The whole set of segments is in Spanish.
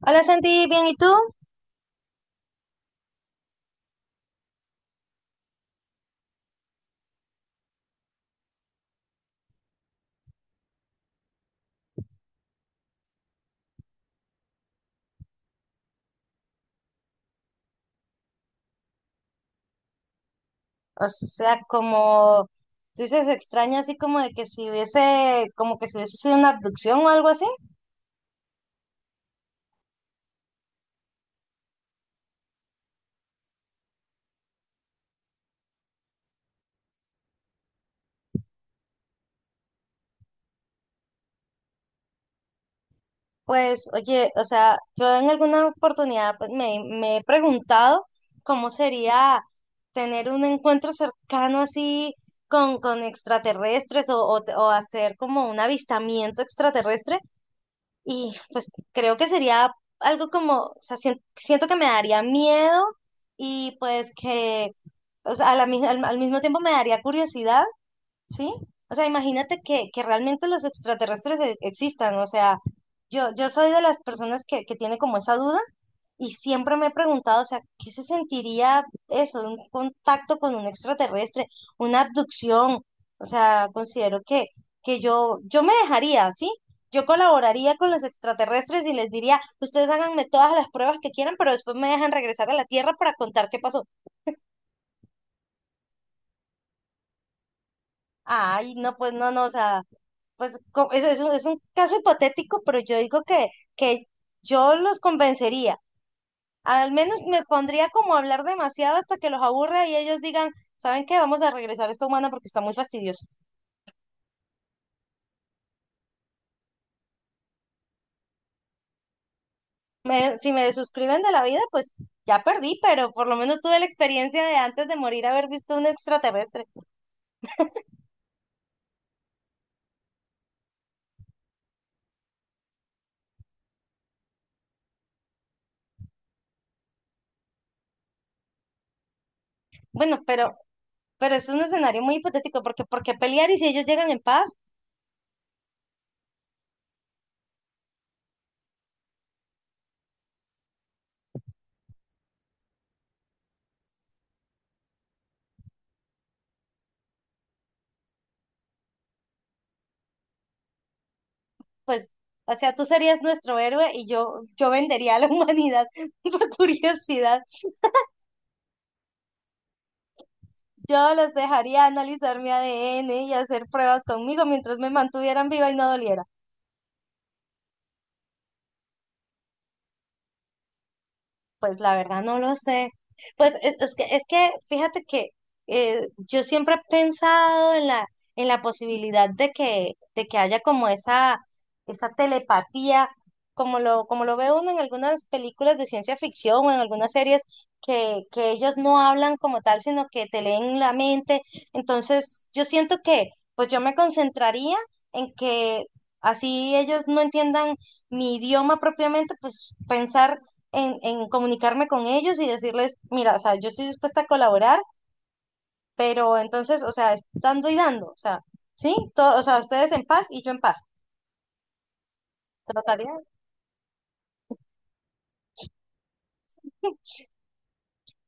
Hola Santi, bien, ¿y tú? O sea, como tú dices, extraña así como de que si hubiese, como que si hubiese sido una abducción o algo así. Pues, oye, o sea, yo en alguna oportunidad pues, me he preguntado cómo sería tener un encuentro cercano así con extraterrestres o hacer como un avistamiento extraterrestre. Y pues creo que sería algo como, o sea, siento que me daría miedo y pues que, o sea, a la mi- al, al mismo tiempo me daría curiosidad, ¿sí? O sea, imagínate que realmente los extraterrestres existan, o sea, yo soy de las personas que tiene como esa duda y siempre me he preguntado, o sea, ¿qué se sentiría eso, un contacto con un extraterrestre, una abducción? O sea, considero que yo me dejaría, ¿sí? Yo colaboraría con los extraterrestres y les diría, ustedes háganme todas las pruebas que quieran, pero después me dejan regresar a la Tierra para contar qué pasó. Ay, no, pues no, no, o sea, es un caso hipotético, pero yo digo que yo los convencería. Al menos me pondría como a hablar demasiado hasta que los aburra y ellos digan, ¿saben qué? Vamos a regresar a esta humana porque está muy fastidioso. Si me desuscriben de la vida, pues ya perdí, pero por lo menos tuve la experiencia de antes de morir haber visto un extraterrestre. Bueno, pero es un escenario muy hipotético porque ¿por qué pelear y si ellos llegan en paz, pues, o sea, tú serías nuestro héroe y yo vendería a la humanidad por curiosidad. Yo los dejaría analizar mi ADN y hacer pruebas conmigo mientras me mantuvieran viva y no doliera. Pues la verdad no lo sé. Pues es que fíjate que yo siempre he pensado en la posibilidad de que haya como esa telepatía, como lo ve uno en algunas películas de ciencia ficción o en algunas series, que ellos no hablan como tal, sino que te leen la mente. Entonces, yo siento que pues yo me concentraría en que así ellos no entiendan mi idioma propiamente, pues pensar en comunicarme con ellos y decirles, mira, o sea, yo estoy dispuesta a colaborar, pero entonces, o sea, es dando y dando, o sea, ¿sí? Todo, o sea, ustedes en paz y yo en paz. Trataría.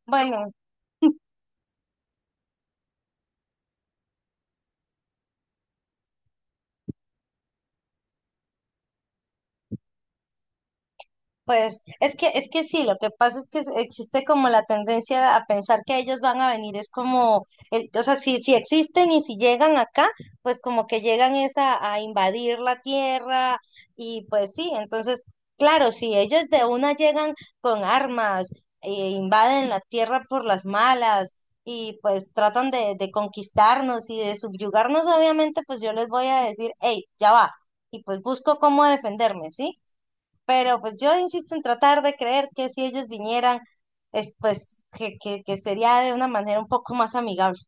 Bueno, pues es que sí, lo que pasa es que existe como la tendencia a pensar que ellos van a venir, es como, o sea, si, si existen y si llegan acá, pues como que llegan es a invadir la tierra y pues sí, entonces, claro, si ellos de una llegan con armas, e invaden la tierra por las malas y pues tratan de conquistarnos y de subyugarnos, obviamente, pues yo les voy a decir, hey, ya va, y pues busco cómo defenderme, ¿sí? Pero pues yo insisto en tratar de creer que si ellos vinieran, es, pues que sería de una manera un poco más amigable.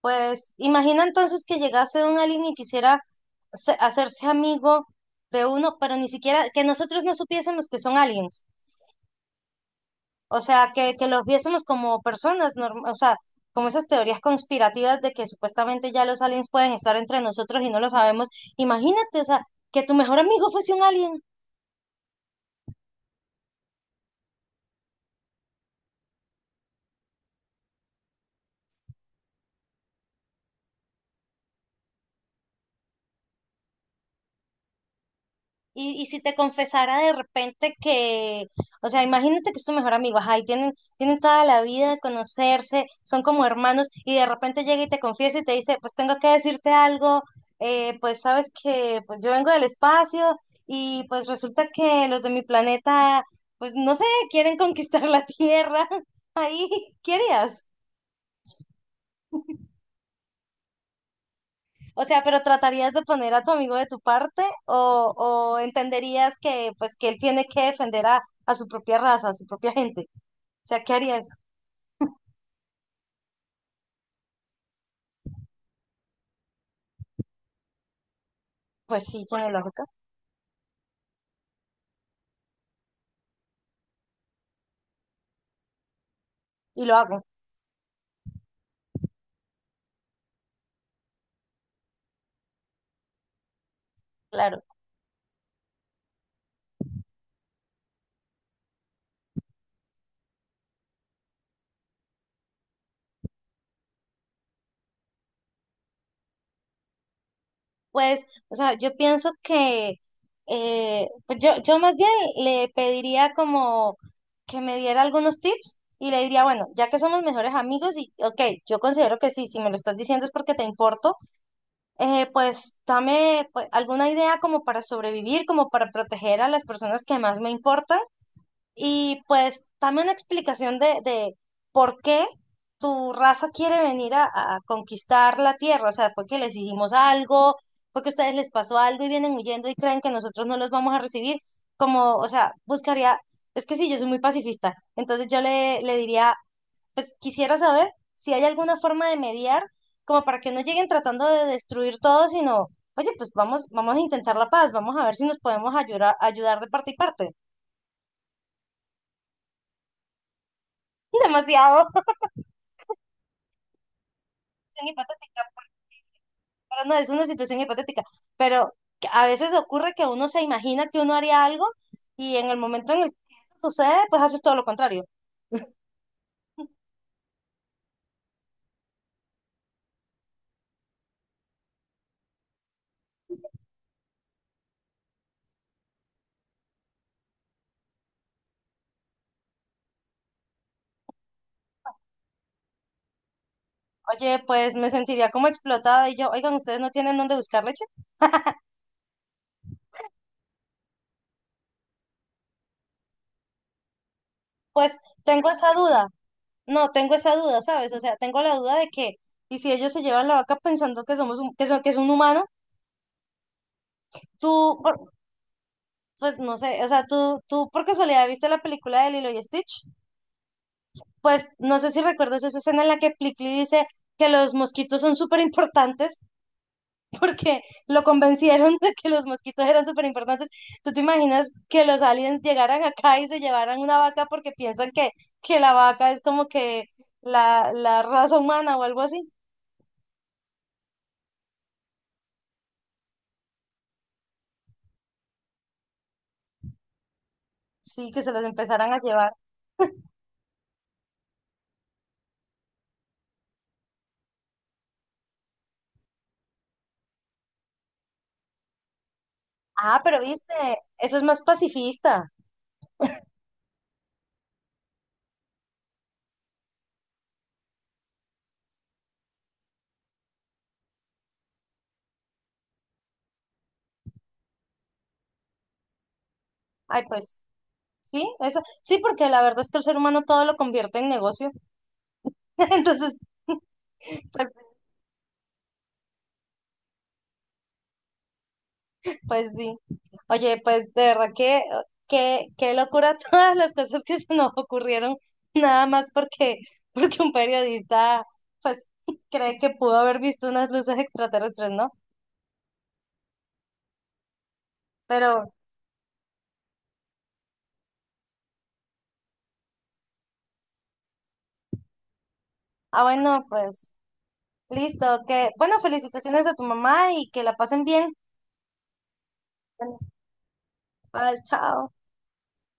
Pues imagina entonces que llegase un alien y quisiera hacerse amigo de uno, pero ni siquiera que nosotros no supiésemos que son aliens. O sea, que los viésemos como personas, o sea, como esas teorías conspirativas de que supuestamente ya los aliens pueden estar entre nosotros y no lo sabemos. Imagínate, o sea, que tu mejor amigo fuese un alien. Y si te confesara de repente que, o sea, imagínate que es tu mejor amigo, ajá, y tienen toda la vida de conocerse, son como hermanos, y de repente llega y te confiesa y te dice, pues tengo que decirte algo, pues sabes que pues yo vengo del espacio y pues resulta que los de mi planeta, pues no sé, quieren conquistar la Tierra, ahí, ¿qué harías? O sea, pero ¿tratarías de poner a tu amigo de tu parte o entenderías que pues que él tiene que defender a su propia raza, a su propia gente? O sea, ¿qué harías? Pues sí, tiene lógica. Y lo hago, claro. Pues, o sea, yo pienso que pues yo más bien le pediría como que me diera algunos tips y le diría, bueno, ya que somos mejores amigos y ok, yo considero que sí, si me lo estás diciendo es porque te importo. Pues dame pues, alguna idea como para sobrevivir, como para proteger a las personas que más me importan y pues dame una explicación de por qué tu raza quiere venir a conquistar la tierra. O sea, fue que les hicimos algo, fue que a ustedes les pasó algo y vienen huyendo y creen que nosotros no los vamos a recibir. Como, o sea, buscaría, es que sí, yo soy muy pacifista, entonces yo le diría, pues quisiera saber si hay alguna forma de mediar, como para que no lleguen tratando de destruir todo, sino, oye, pues vamos, vamos a intentar la paz, vamos a ver si nos podemos ayudar, ayudar de parte y parte. Demasiado situación hipotética, pero no es una situación hipotética, pero que a veces ocurre que uno se imagina que uno haría algo y en el momento en el que eso sucede, pues haces todo lo contrario. Oye, pues me sentiría como explotada y yo, oigan, ¿ustedes no tienen dónde buscar leche? Pues tengo esa duda. No, tengo esa duda, ¿sabes? O sea, tengo la duda de que, y si ellos se llevan la vaca pensando que somos que es un humano, tú, por- pues no sé, o sea, tú por casualidad viste la película de Lilo y Stitch, pues no sé si recuerdas esa escena en la que Plickly dice que los mosquitos son súper importantes, porque lo convencieron de que los mosquitos eran súper importantes. ¿Tú te imaginas que los aliens llegaran acá y se llevaran una vaca porque piensan que la vaca es como que la raza humana o algo así? Sí, que se los empezaran a llevar. Ah, pero viste, eso es más pacifista. Ay, pues sí, eso, sí, porque la verdad es que el ser humano todo lo convierte en negocio. Entonces, pues, pues sí. Oye, pues de verdad que, qué locura todas las cosas que se nos ocurrieron, nada más porque, porque un periodista, pues, cree que pudo haber visto unas luces extraterrestres, ¿no? Pero, ah, bueno, pues, listo, que, bueno, felicitaciones a tu mamá y que la pasen bien. Bueno, bye, chao.